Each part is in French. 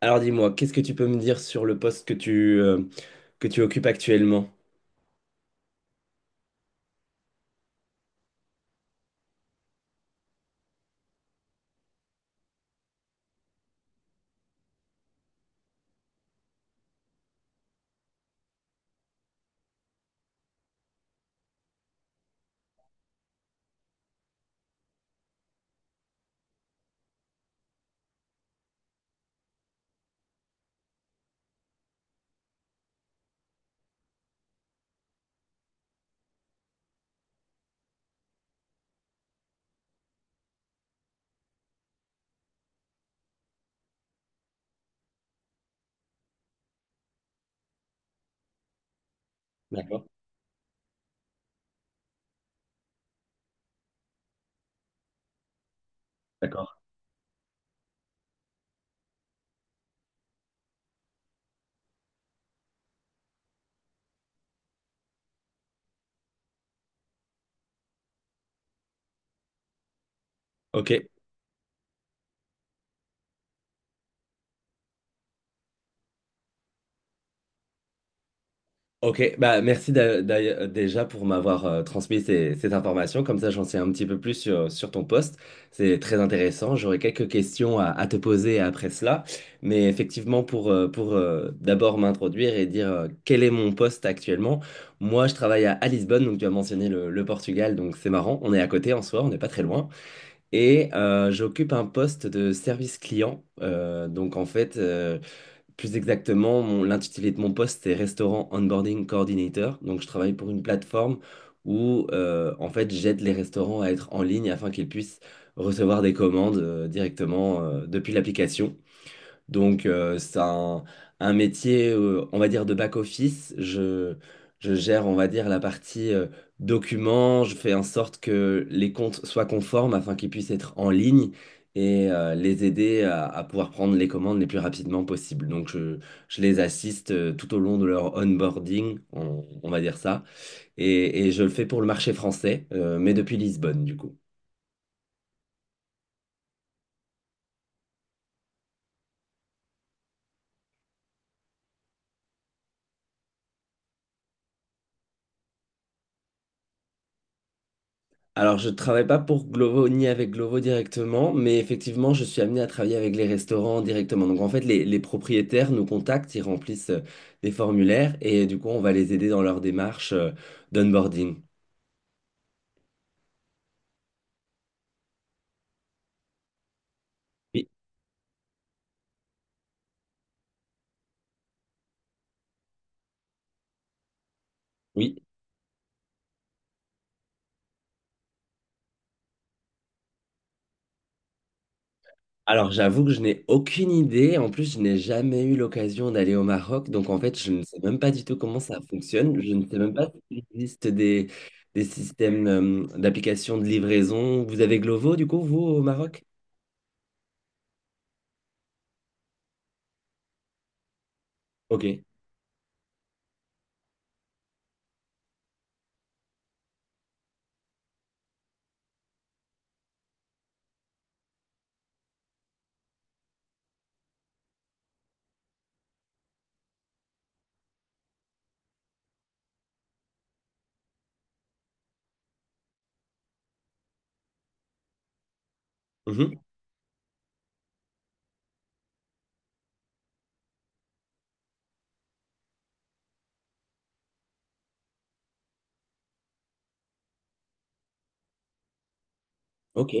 Alors dis-moi, qu'est-ce que tu peux me dire sur le poste que que tu occupes actuellement? D'accord, d'accord. Ok, ok. Bah, merci déjà pour m'avoir transmis cette information. Comme ça, j'en sais un petit peu plus sur, sur ton poste. C'est très intéressant. J'aurais quelques questions à te poser après cela. Mais effectivement, pour d'abord m'introduire et dire quel est mon poste actuellement, moi, je travaille à Lisbonne. Donc, tu as mentionné le Portugal. Donc, c'est marrant. On est à côté en soi, on n'est pas très loin. Et j'occupe un poste de service client. Donc en fait, plus exactement, l'intitulé de mon poste est Restaurant Onboarding Coordinator. Donc je travaille pour une plateforme où en fait j'aide les restaurants à être en ligne afin qu'ils puissent recevoir des commandes directement depuis l'application. Donc, c'est un métier, on va dire, de back-office. Je gère, on va dire, la partie documents. Je fais en sorte que les comptes soient conformes afin qu'ils puissent être en ligne et les aider à pouvoir prendre les commandes les plus rapidement possible. Donc, je les assiste tout au long de leur onboarding, on va dire ça. Et je le fais pour le marché français, mais depuis Lisbonne, du coup. Alors, je ne travaille pas pour Glovo ni avec Glovo directement, mais effectivement, je suis amené à travailler avec les restaurants directement. Donc, en fait, les propriétaires nous contactent, ils remplissent des formulaires et du coup, on va les aider dans leur démarche d'onboarding. Oui, oui. Alors, j'avoue que je n'ai aucune idée. En plus, je n'ai jamais eu l'occasion d'aller au Maroc. Donc, en fait, je ne sais même pas du tout comment ça fonctionne. Je ne sais même pas s'il existe des systèmes d'application de livraison. Vous avez Glovo, du coup, vous, au Maroc? Ok. Mhm. Ok.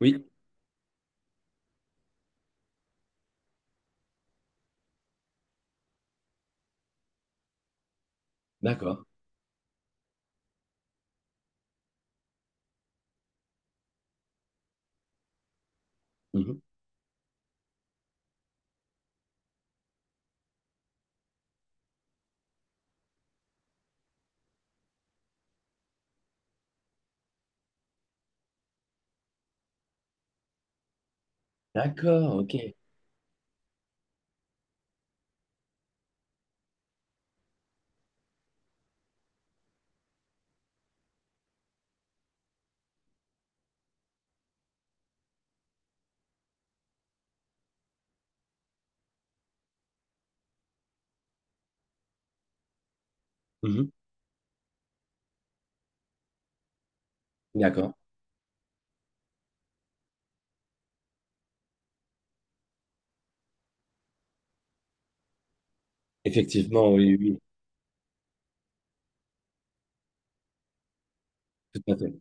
Oui, d'accord. Mhm. D'accord, ok. Mhm. D'accord. Effectivement, oui, oui, oui, tout à fait.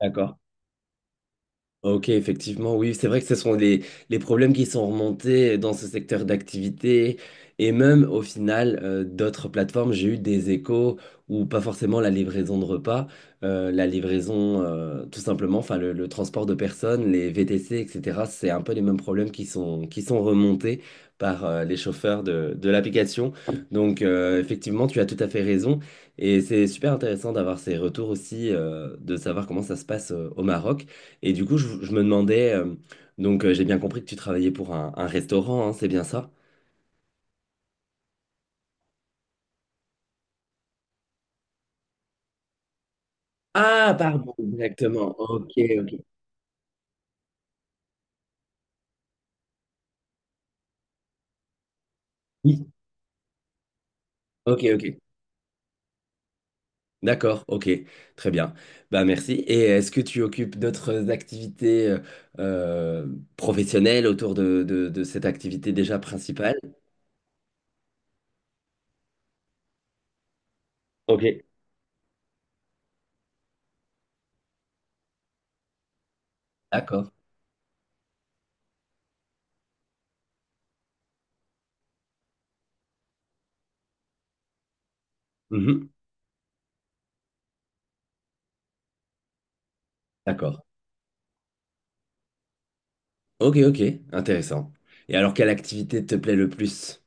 D'accord. Ok, effectivement, oui, c'est vrai que ce sont les problèmes qui sont remontés dans ce secteur d'activité et même au final d'autres plateformes, j'ai eu des échos où pas forcément la livraison de repas, la livraison tout simplement, enfin le transport de personnes, les VTC, etc. C'est un peu les mêmes problèmes qui sont remontés par les chauffeurs de l'application. Donc, effectivement, tu as tout à fait raison et c'est super intéressant d'avoir ces retours aussi, de savoir comment ça se passe au Maroc. Et du coup, je me demandais, j'ai bien compris que tu travaillais pour un restaurant, hein, c'est bien ça? Ah, pardon, exactement. Ok, ok. Oui. Ok, ok. D'accord, ok. Très bien. Bah merci. Et est-ce que tu occupes d'autres activités euh, professionnelles autour de, de cette activité déjà principale? Ok. D'accord. Mhm. D'accord. Ok, ok. Intéressant. Et alors, quelle activité te plaît le plus?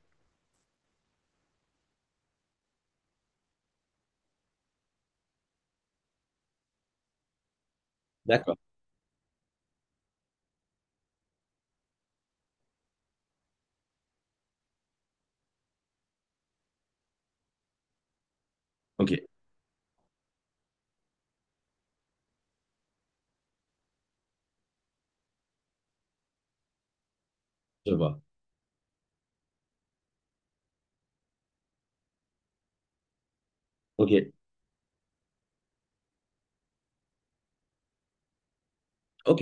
D'accord. Ok, je vois. Ok. Ok.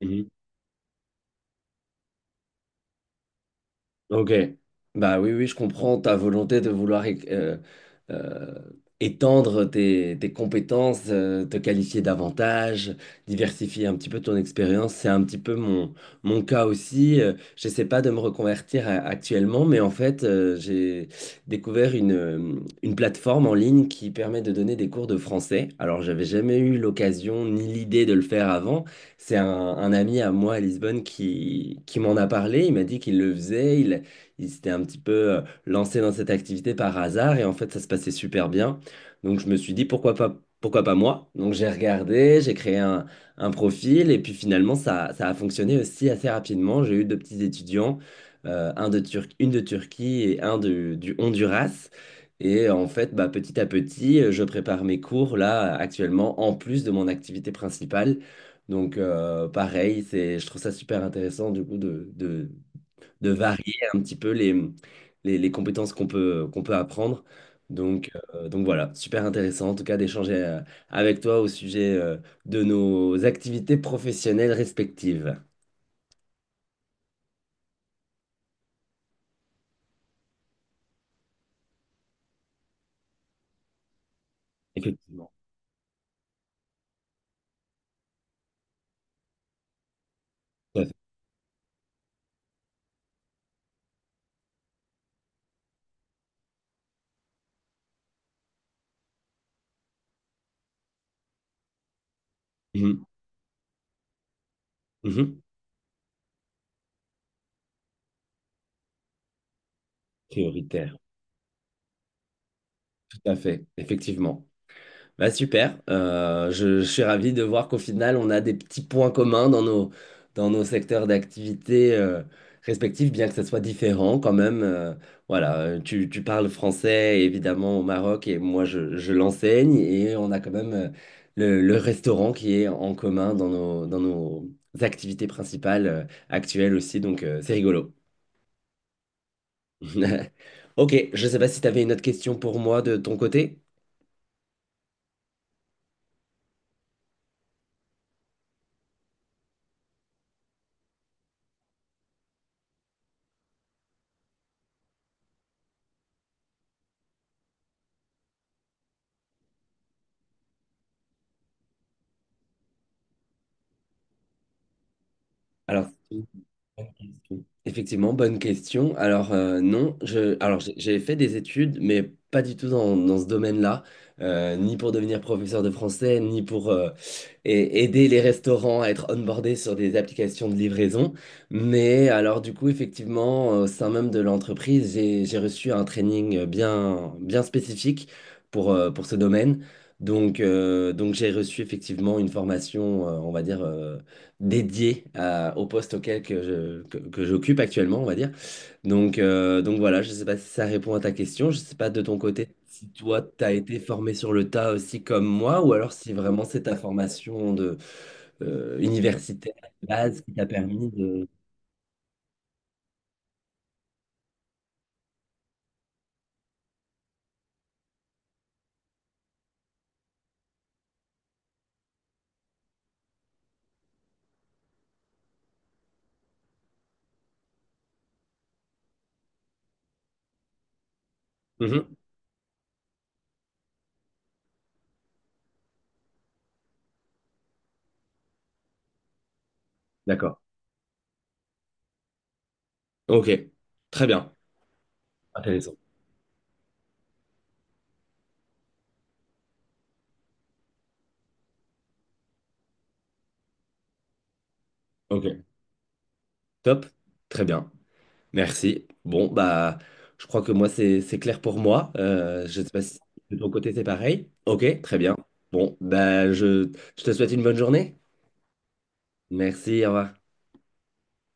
Mhm. Ok, bah oui, oui, je comprends ta volonté de vouloir euh, euh, étendre tes, tes compétences, te qualifier davantage, diversifier un petit peu ton expérience. C'est un petit peu mon, mon cas aussi. J'essaie pas de me reconvertir actuellement, mais en fait, j'ai découvert une plateforme en ligne qui permet de donner des cours de français. Alors, j'avais jamais eu l'occasion ni l'idée de le faire avant. C'est un ami à moi à Lisbonne qui m'en a parlé. Il m'a dit qu'il le faisait ils s'étaient un petit peu lancés dans cette activité par hasard et en fait ça se passait super bien. Donc je me suis dit pourquoi pas moi? Donc j'ai regardé, j'ai créé un profil et puis finalement ça, ça a fonctionné aussi assez rapidement. J'ai eu deux petits étudiants, un de une de Turquie et un du Honduras. Et en fait, bah, petit à petit, je prépare mes cours là actuellement en plus de mon activité principale. Donc pareil, c'est, je trouve ça super intéressant du coup de varier un petit peu les compétences qu'on peut apprendre. Donc, donc voilà, super intéressant en tout cas d'échanger avec toi au sujet de nos activités professionnelles respectives. Effectivement. Tout à fait. Mhm. Mhm. Prioritaire. Tout à fait, effectivement. Bah super, je suis ravi de voir qu'au final, on a des petits points communs dans nos secteurs d'activité respectifs, bien que ça soit différent quand même. Voilà, tu, tu parles français évidemment au Maroc et moi je l'enseigne et on a quand même le restaurant qui est en commun dans nos activités principales actuelles aussi, donc c'est rigolo. Ok, je ne sais pas si tu avais une autre question pour moi de ton côté. Alors, Bonne question. Effectivement, bonne question. Alors, non, je, alors j'ai fait des études, mais pas du tout dans, dans ce domaine-là, ni pour devenir professeur de français, ni pour aider les restaurants à être onboardés sur des applications de livraison. Mais alors, du coup, effectivement, au sein même de l'entreprise, j'ai reçu un training bien, bien spécifique pour ce domaine. Donc, donc j'ai reçu effectivement une formation, on va dire, dédié au poste auquel que je, que j'occupe actuellement, on va dire. Donc, donc voilà, je ne sais pas si ça répond à ta question. Je ne sais pas de ton côté si toi, tu as été formé sur le tas aussi comme moi, ou alors si vraiment c'est ta formation de, universitaire de base qui t'a permis de... Mhm. D'accord. Ok. Très bien. Intéressant. Ok. Top. Très bien. Merci. Bon, bah, je crois que moi, c'est clair pour moi. Je ne sais pas si de ton côté, c'est pareil. Ok, très bien. Bon, bah, je te souhaite une bonne journée. Merci, au revoir.